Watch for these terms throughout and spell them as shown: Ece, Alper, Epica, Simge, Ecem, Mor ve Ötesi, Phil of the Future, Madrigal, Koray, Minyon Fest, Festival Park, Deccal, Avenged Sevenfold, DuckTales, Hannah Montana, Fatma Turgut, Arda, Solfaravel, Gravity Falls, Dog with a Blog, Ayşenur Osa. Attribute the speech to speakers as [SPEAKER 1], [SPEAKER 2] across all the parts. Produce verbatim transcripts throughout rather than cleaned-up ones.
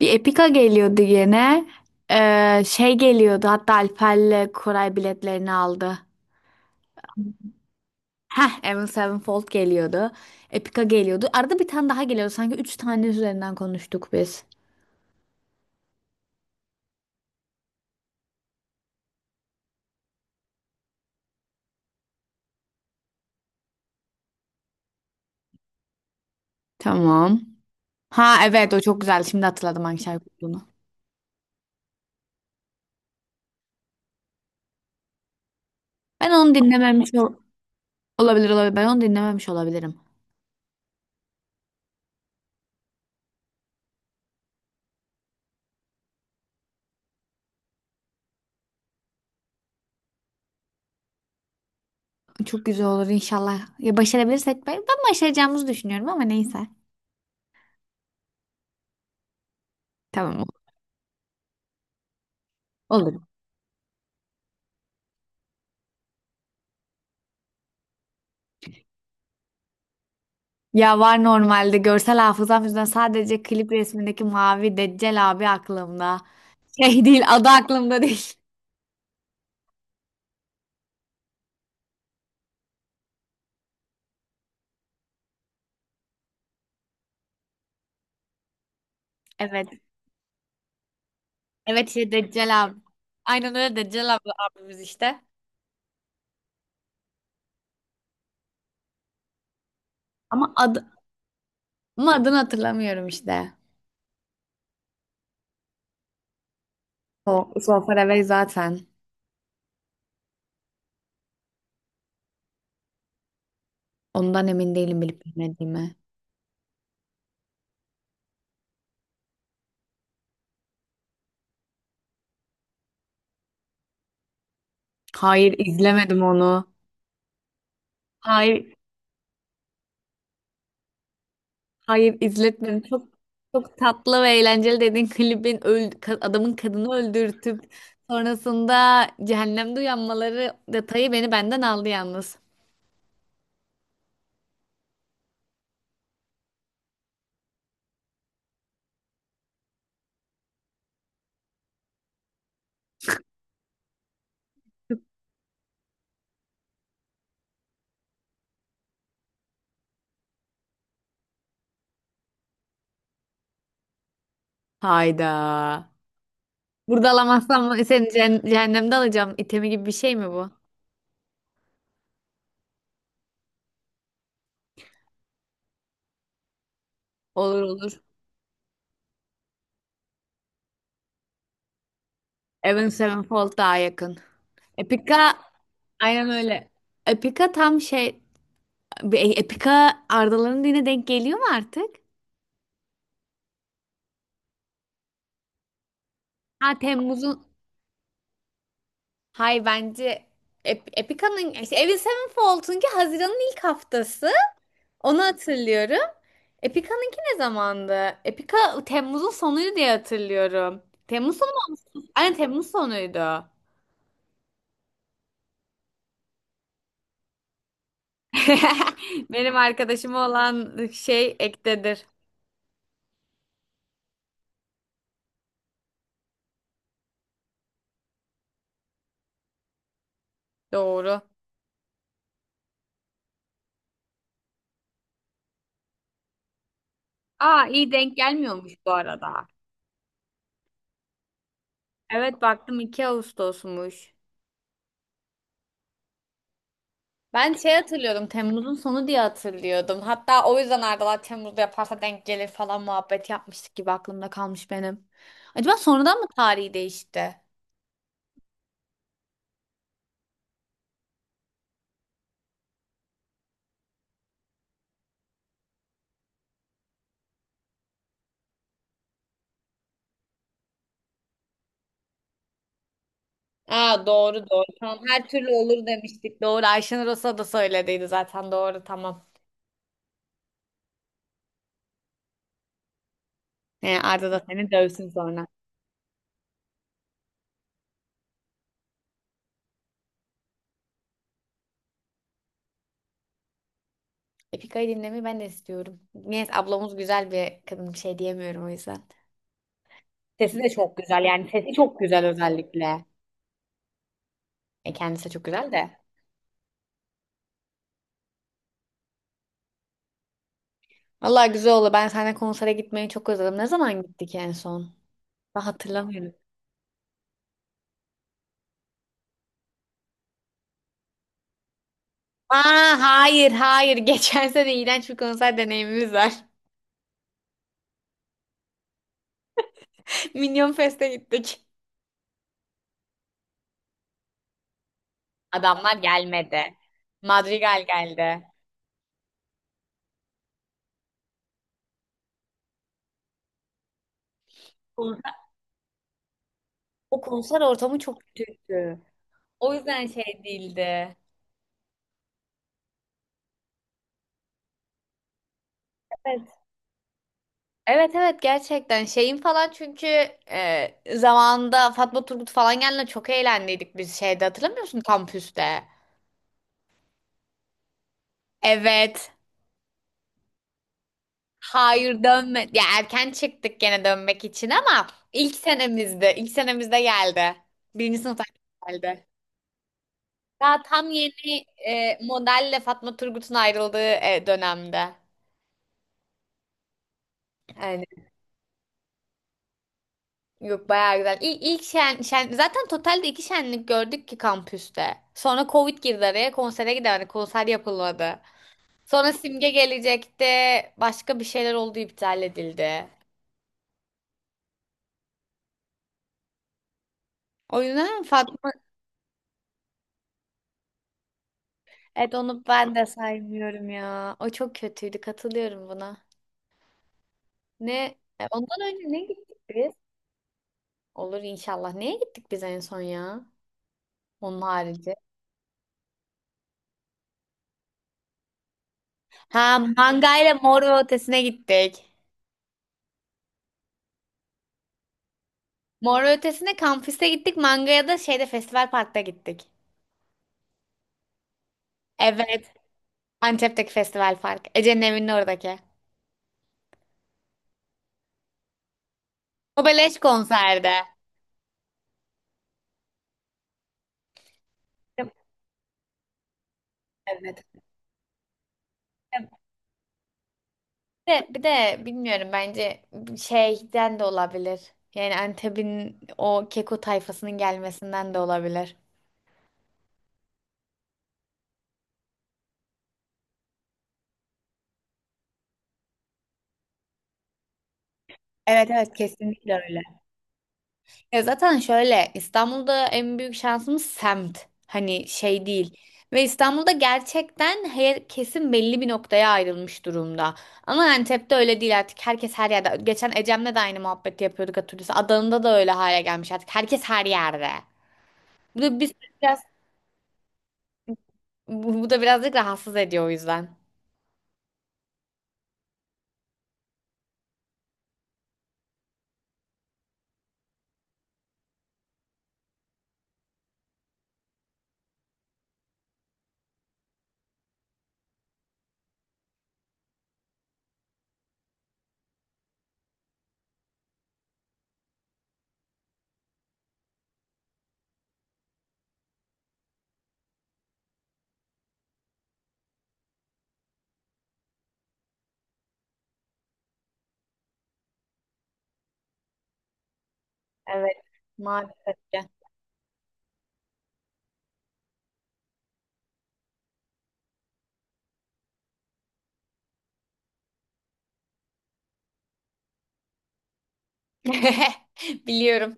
[SPEAKER 1] Bir Epica geliyordu yine. Ee, şey geliyordu hatta Alper'le Koray biletlerini aldı. Heh, Avenged Sevenfold geliyordu. Epica geliyordu. Arada bir tane daha geliyordu. Sanki üç tane üzerinden konuştuk biz. Tamam. Ha evet o çok güzel. Şimdi hatırladım hangi şarkı olduğunu. Ben onu dinlememiş ol- olabilir olabilir. Ben onu dinlememiş olabilirim. Çok güzel olur inşallah. Ya başarabilirsek ben, ben başaracağımızı düşünüyorum ama neyse. Tamam olur. Ya var normalde görsel hafızam yüzünden sadece klip resmindeki mavi Deccal abi aklımda. Şey değil adı aklımda değil. Evet. Evet şey Deccal abi. Aynen öyle Deccal abi abimiz işte. Ama adı ama adını hatırlamıyorum işte. O Solfaravel zaten. Ondan emin değilim bilip bilmediğimi. Hayır izlemedim onu. Hayır, hayır izletmedim. Çok çok tatlı ve eğlenceli dediğin klibin öl- ka- adamın kadını öldürtüp sonrasında cehennemde uyanmaları detayı beni benden aldı yalnız. Hayda. Burada alamazsam seni ceh- cehennemde alacağım. İtemi gibi bir şey mi bu? Olur, olur. Avenged Sevenfold daha yakın. Epica aynen öyle. Epica tam şey Epika Arda'ların dine denk geliyor mu artık? Ha Temmuz'un Hay bence Ep- Epica'nın işte Avenged Sevenfold'unki Haziran'ın ilk haftası. Onu hatırlıyorum. Epica'nınki ne zamandı? Epica Temmuz'un sonuydu diye hatırlıyorum. Temmuz sonu mu? Aynen Temmuz sonuydu. Benim arkadaşım olan şey ektedir. Doğru. Aa iyi denk gelmiyormuş bu arada. Evet baktım iki Ağustos'muş. Ben şey hatırlıyordum. Temmuz'un sonu diye hatırlıyordum. Hatta o yüzden Arda'lar Temmuz'da yaparsa denk gelir falan muhabbet yapmıştık gibi aklımda kalmış benim. Acaba sonradan mı tarihi değişti? Aa, doğru, doğru. Tamam, her türlü olur demiştik. Doğru, Ayşenur Osa da söylediydi zaten. Doğru, tamam. Ee, Arda da seni dövsün sonra. Epika'yı dinlemeyi ben de istiyorum. Neyse, ablamız güzel bir kadın, bir şey diyemiyorum o yüzden. Sesi de çok güzel, yani sesi çok güzel özellikle. E, kendisi de çok güzel de. Allah güzel oldu. Ben seninle konsere gitmeyi çok özledim. Ne zaman gittik en son? Ben hatırlamıyorum. Aa, hayır, hayır. Geçen sene iğrenç bir konser deneyimimiz var. Minyon Fest'e gittik. Adamlar gelmedi. Madrigal geldi. Konser- O konser ortamı çok kötüydü. O yüzden şey değildi. Evet. Evet, evet, gerçekten şeyin falan çünkü e, zamanında Fatma Turgut falan geldiğinde çok eğlendiydik biz şeyde, hatırlamıyor musun kampüste? Evet. Hayır, dönme. Ya erken çıktık gene dönmek için ama ilk senemizde, ilk senemizde geldi. Birinci sınıfta geldi. Daha tam yeni e, modelle Fatma Turgut'un ayrıldığı e, dönemde. Yani yok, bayağı güzel. İlk, ilk şen, şen- zaten totalde iki şenlik gördük ki kampüste. Sonra Covid girdi araya, konsere gidemedik. Konser yapılmadı. Sonra Simge gelecekti. Başka bir şeyler oldu, iptal edildi. O yüzden Fatma Evet, onu ben de saymıyorum ya. O çok kötüydü. Katılıyorum buna. Ne? E, Ondan önce ne gittik biz? Olur inşallah. Neye gittik biz en son ya? Onun harici. Ha, mangayla Mor ve Ötesi'ne gittik. Mor ve Ötesi'ne kampüste gittik. Mangaya da şeyde Festival Park'ta gittik. Evet. Antep'teki Festival Park. Ece'nin evinin oradaki. O beleş konserde. Evet. de, bir de bilmiyorum, bence şeyden de olabilir. Yani Antep'in o keko tayfasının gelmesinden de olabilir. Evet, evet, kesinlikle öyle. Ya zaten şöyle İstanbul'da en büyük şansımız semt. Hani şey değil. Ve İstanbul'da gerçekten her kesim belli bir noktaya ayrılmış durumda. Ama Antep'te öyle değil artık. Herkes her yerde. Geçen Ecem'le de aynı muhabbeti yapıyorduk, hatırlıyorsun. Adana'da da öyle hale gelmiş artık. Herkes her yerde. Bu da biz biraz bu bu da birazcık rahatsız ediyor o yüzden. Evet, maalesef ki. Biliyorum.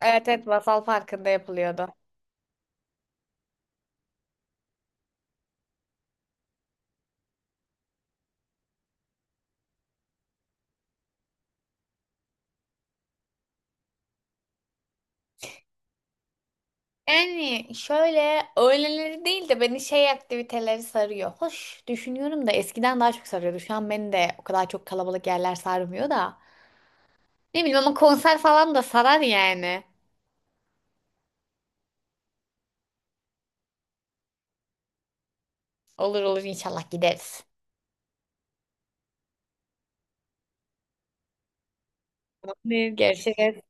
[SPEAKER 1] Evet, evet, masal farkında yapılıyordu. Yani şöyle öğleleri değil de beni şey aktiviteleri sarıyor. Hoş, düşünüyorum da eskiden daha çok sarıyordu. Şu an beni de o kadar çok kalabalık yerler sarmıyor da. Ne bileyim, ama konser falan da sarar yani. Olur, olur, inşallah gideriz. Tamam, görüşürüz.